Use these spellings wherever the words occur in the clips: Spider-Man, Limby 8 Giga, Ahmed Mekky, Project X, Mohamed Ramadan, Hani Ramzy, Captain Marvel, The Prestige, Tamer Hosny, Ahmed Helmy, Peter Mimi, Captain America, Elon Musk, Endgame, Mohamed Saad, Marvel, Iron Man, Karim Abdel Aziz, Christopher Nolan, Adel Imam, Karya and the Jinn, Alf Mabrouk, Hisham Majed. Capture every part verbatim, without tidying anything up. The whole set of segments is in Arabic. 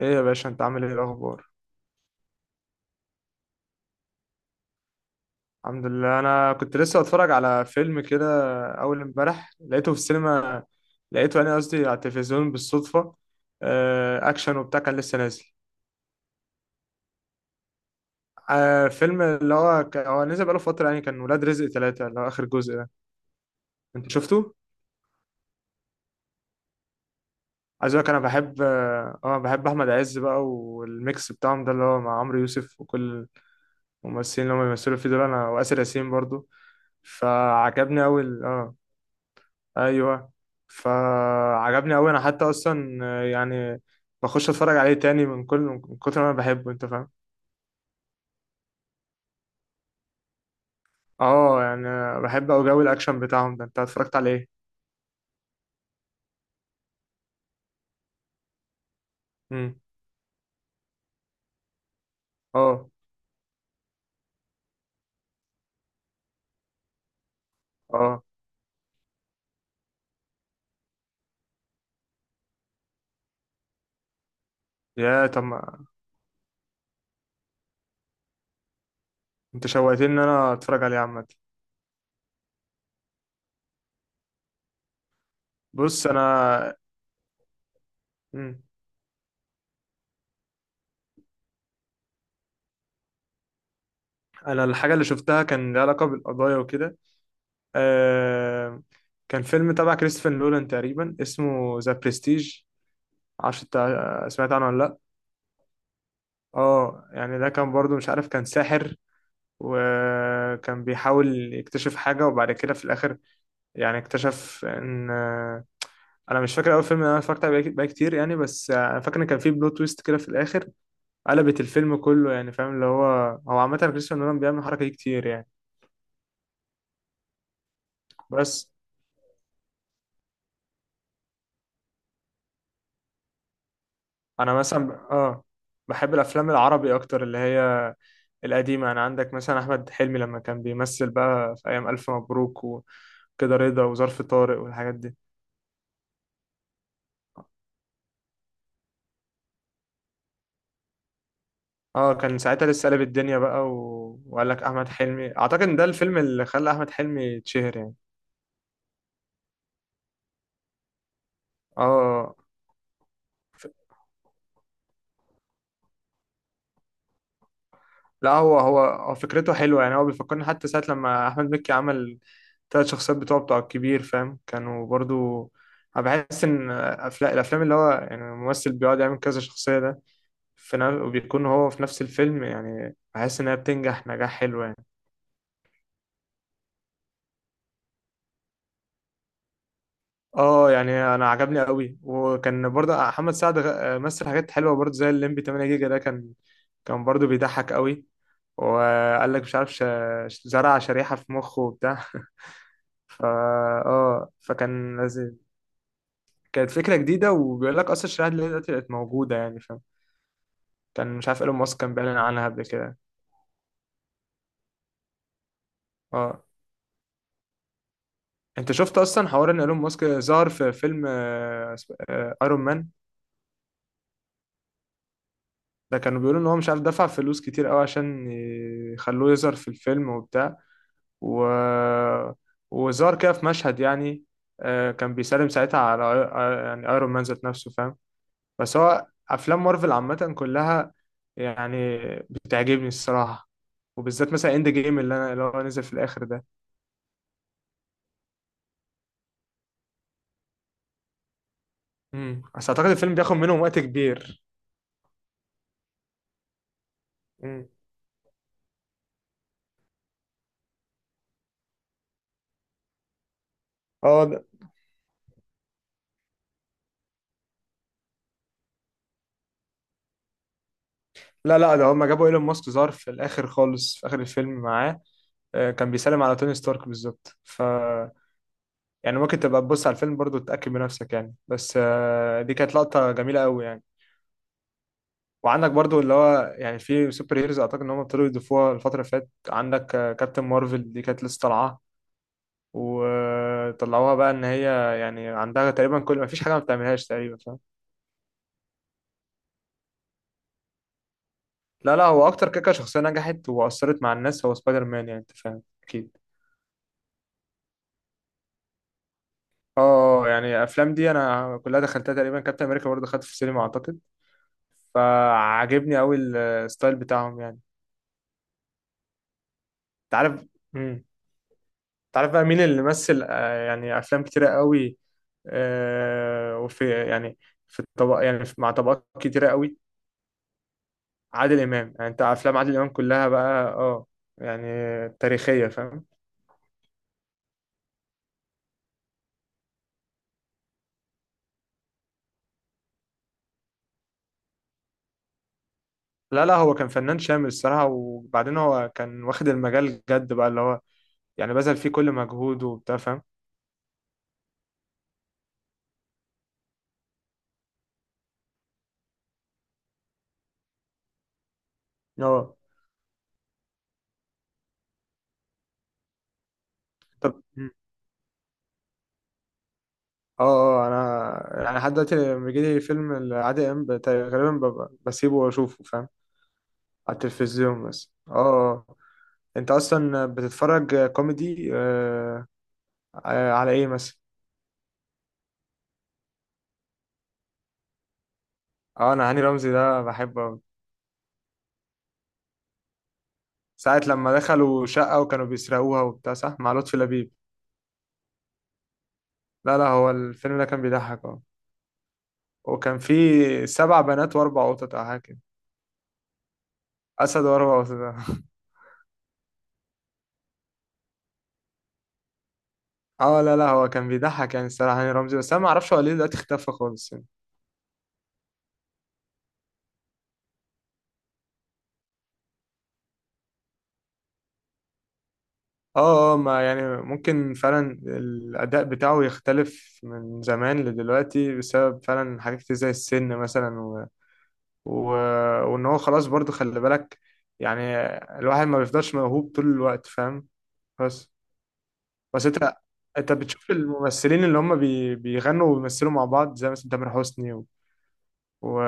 ايه يا باشا انت عامل ايه الاخبار؟ الحمد لله، انا كنت لسه بتفرج على فيلم كده. اول امبارح لقيته في السينما، لقيته انا قصدي على التلفزيون بالصدفه. آه، اكشن وبتاع، كان لسه نازل. آه، فيلم اللي هو ك... هو نزل بقاله فتره يعني، كان ولاد رزق ثلاثة اللي هو اخر جزء ده. انت شفته؟ عايز اقولك انا بحب اه آه، بحب احمد عز بقى والميكس بتاعهم ده اللي هو مع عمرو يوسف وكل الممثلين اللي هم بيمثلوا فيه دول، انا واسر ياسين برضو. فعجبني قوي اه. ايوه، فعجبني قوي انا حتى اصلا، آه، يعني بخش اتفرج عليه تاني من كل من كتر ما انا بحبه، انت فاهم. اه يعني، آه، بحب اوي جو الاكشن بتاعهم ده. انت اتفرجت عليه ايه؟ امم، اه اه. يا طب ما- انت شوقتني ان انا اتفرج عليه عامه. بص انا، مم. انا الحاجه اللي شفتها كان لها علاقه بالقضايا وكده. آه... كان فيلم تبع كريستوفر نولان تقريبا، اسمه ذا برستيج. معرفش انت آه، سمعت عنه ولا لا. اه يعني ده كان برضو مش عارف، كان ساحر وكان بيحاول يكتشف حاجة، وبعد كده في الآخر يعني اكتشف إن آه، أنا مش فاكر أول فيلم أنا اتفرجت عليه بقى كتير يعني، بس آه، أنا فاكر إن كان فيه بلوت تويست كده في الآخر قلبت الفيلم كله يعني، فاهم. اللي هو هو عامة كريستوفر نولان بيعمل الحركة دي كتير يعني. بس أنا مثلا ب- آه بحب الأفلام العربي أكتر، اللي هي القديمة. أنا عندك مثلا أحمد حلمي لما كان بيمثل بقى في أيام ألف مبروك وكده، رضا وظرف طارق والحاجات دي. اه، كان ساعتها لسه قلب الدنيا بقى و... وقال لك احمد حلمي، اعتقد ان ده الفيلم اللي خلى احمد حلمي يتشهر يعني. اه ف... لا، هو هو هو فكرته حلوه يعني. هو بيفكرني حتى ساعه لما احمد مكي عمل ثلاث شخصيات بتوع بتوع الكبير، فاهم، كانوا برضو. انا بحس ان افلام الافلام اللي هو يعني الممثل بيقعد يعمل كذا شخصيه ده في نا... وبيكون هو في نفس الفيلم، يعني بحس انها بتنجح نجاح حلو يعني. اه يعني انا عجبني قوي، وكان برضه محمد سعد غ- مثل حاجات حلوه برضه زي الليمبي تمانية جيجا ده. كان كان برضه بيضحك قوي. وقال لك مش عارف ش... زرع شريحه في مخه وبتاع فا، اه فكان لذيذ. كانت فكره جديده وبيقول لك اصلا الشريحه اللي دلوقتي بقت موجوده يعني، فاهم. كان مش عارف ايلون ماسك كان بيعلن عنها قبل كده. اه، انت شفت اصلا حوار ان ايلون ماسك ظهر في فيلم ايرون مان؟ ده كانوا بيقولوا ان هو مش عارف دفع فلوس كتير قوي عشان يخلوه يظهر في الفيلم وبتاع، و... وظهر كده في مشهد يعني. آه، كان بيسلم ساعتها على آي- يعني ايرون مان ذات نفسه، فاهم. بس هو افلام مارفل عامه كلها يعني بتعجبني الصراحه، وبالذات مثلا اند جيم اللي انا اللي هو نزل في الاخر ده. امم، بس اعتقد الفيلم بياخد منهم وقت كبير. امم، اه ده- لا لا، ده هما جابوا ايلون ماسك ظهر في الاخر خالص، في اخر الفيلم معاه. آه، كان بيسلم على توني ستارك بالظبط ف، يعني ممكن تبقى تبص على الفيلم برضو تتأكد بنفسك يعني، بس آه، دي كانت لقطة جميلة قوي يعني. وعندك برضو اللي هو يعني في سوبر هيروز اعتقد ان هم ابتدوا يضيفوها الفترة اللي فاتت. عندك آه، كابتن مارفل دي، كانت لسه طالعة وطلعوها بقى ان هي يعني عندها تقريبا كل، ما فيش حاجة ما بتعملهاش تقريبا، فاهم. لا لا، هو اكتر كيكة شخصية نجحت واثرت مع الناس هو سبايدر مان يعني، انت فاهم اكيد. اه، يعني الافلام دي انا كلها دخلتها تقريبا. كابتن امريكا برضو دخلت في السينما اعتقد، فعجبني قوي الستايل بتاعهم يعني. انت عارف، تعرف بقى مين اللي مثل آه، يعني افلام كتيره قوي، آه، وفي يعني في الطبق يعني في- مع طبقات كتيره قوي؟ عادل امام. يعني انت افلام عادل امام كلها بقى اه، يعني تاريخيه فاهم. لا لا، هو كان فنان شامل الصراحه، وبعدين هو كان واخد المجال جد بقى اللي هو يعني بذل فيه كل مجهوده وبتاع، فاهم. اه طب م. اه اه، انا يعني لحد دلوقتي لما بيجيلي فيلم لعادل امام بت- غالبا ببقى- بسيبه واشوفه، فاهم، على التلفزيون بس اه آه. انت اصلا بتتفرج كوميدي آه، آه، على ايه مثلا؟ اه انا هاني رمزي ده بحبه أوي. ساعة لما دخلوا شقة وكانوا بيسرقوها وبتاع، صح، مع لطفي لبيب. لا لا، هو الفيلم ده كان بيضحك اه. وكان فيه سبع بنات واربع قطط او حاجة كده. اسد واربع قطط. اه لا لا، هو كان بيضحك يعني الصراحة هاني رمزي. بس انا ما اعرفش هو ليه دلوقتي اختفى خالص يعني. اه اه، ما يعني ممكن فعلا الاداء بتاعه يختلف من زمان لدلوقتي بسبب فعلا حاجات كتير زي السن مثلا، و... وان هو خلاص. برضو خلي بالك يعني الواحد ما بيفضلش موهوب طول الوقت، فاهم. بس بس انت، انت بتشوف الممثلين اللي هم بي... بيغنوا وبيمثلوا مع بعض زي مثلا تامر حسني و... و...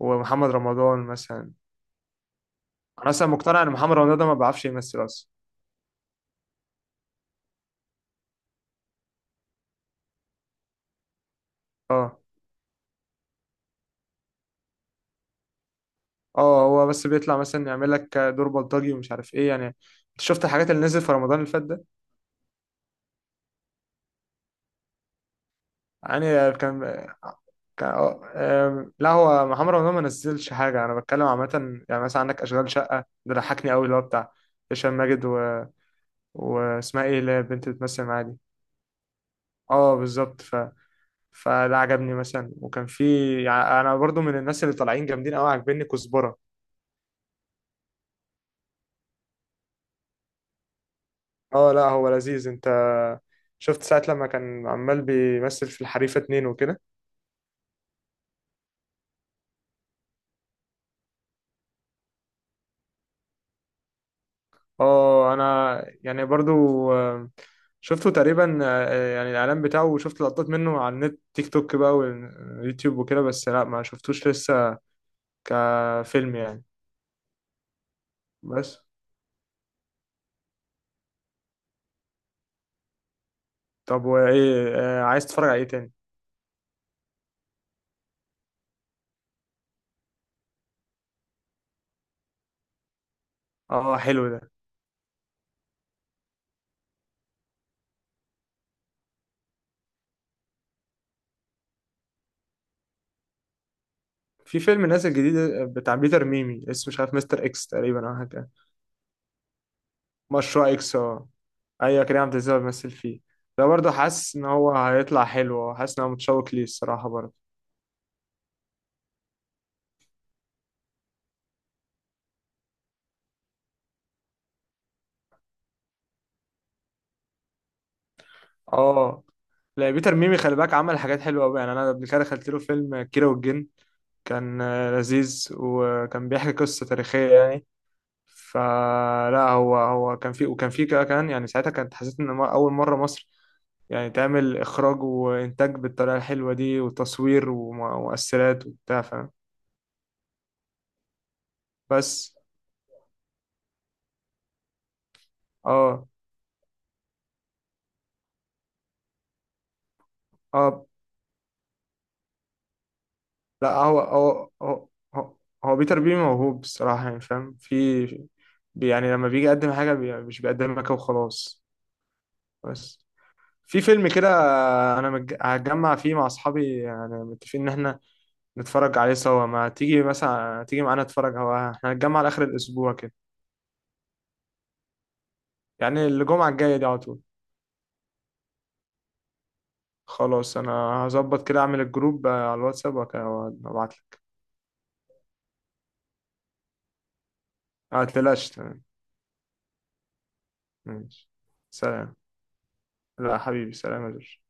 ومحمد رمضان مثلا. انا اصلا مقتنع ان محمد رمضان ده ما بيعرفش يمثل اصلا. اه اه، هو بس بيطلع مثلا يعمل لك دور بلطجي ومش عارف ايه. يعني انت شفت الحاجات اللي نزلت في رمضان اللي فات ده؟ يعني كان كان آه، آم، لا، هو محمد رمضان ما نزلش حاجة، أنا بتكلم عامة. يعني مثلا عندك أشغال شقة ده ضحكني أوي، اللي هو بتاع هشام ماجد و... واسمها إيه اللي هي البنت اللي بتمثل معاه دي؟ أه بالظبط، ف... فده عجبني مثلا. وكان في يعني، أنا برضو من الناس اللي طالعين جامدين أوي عاجبني كزبرة. أه لا، هو لذيذ. أنت شفت ساعة لما كان عمال بيمثل في الحريفة اتنين وكده؟ اه انا يعني برضو، آه، شفته تقريبا، آه، يعني الاعلان بتاعه، وشفت لقطات منه على النت، تيك توك بقى، واليوتيوب وكده. بس لا ما شفتوش لسه كفيلم يعني. بس طب وايه آه، عايز تتفرج على ايه تاني؟ اه حلو ده. في فيلم نازل جديد آه، بتاع بيتر ميمي، اسمه مش عارف مستر اكس تقريبا او حاجه كده. مشروع اكس، اه ايوه، كريم عبد العزيز هو بيمثل فيه. ده برضه حاسس ان هو هيطلع حلو، آه، حاسس ان انا متشوق ليه الصراحه برضه. اه لا، بيتر ميمي خلي بالك عمل حاجات حلوه قوي يعني. انا قبل كده دخلت له فيلم كيرة والجن، كان آه، لذيذ وكان بيحكي قصه تاريخيه يعني. فلا، هو هو كان في، وكان في كده كمان. يعني ساعتها كانت حسيت ان م- اول مره مصر يعني تعمل اخراج وانتاج بالطريقه الحلوه دي، وتصوير وم- ومؤثرات وبتاع، فاهم. بس اه اه، لا هو هو هو هو هو بيتر بيه موهوب الصراحة يعني، فاهم. في بي- يعني لما بيجي يقدم حاجة بي مش بيقدمها كده وخلاص. بس في فيلم كده أنا متج- هتجمع فيه مع أصحابي، يعني متفقين إن إحنا نتفرج عليه سوا. ما تيجي مثلا، تيجي معانا نتفرج؟ هو إحنا هنتجمع لآخر الأسبوع كده، يعني الجمعة الجاية دي على طول. خلاص أنا هظبط كده، أعمل الجروب على الواتساب وأبعتلك. ما تقلقش، تمام، ماشي، سلام. لا حبيبي، سلام يا جورج.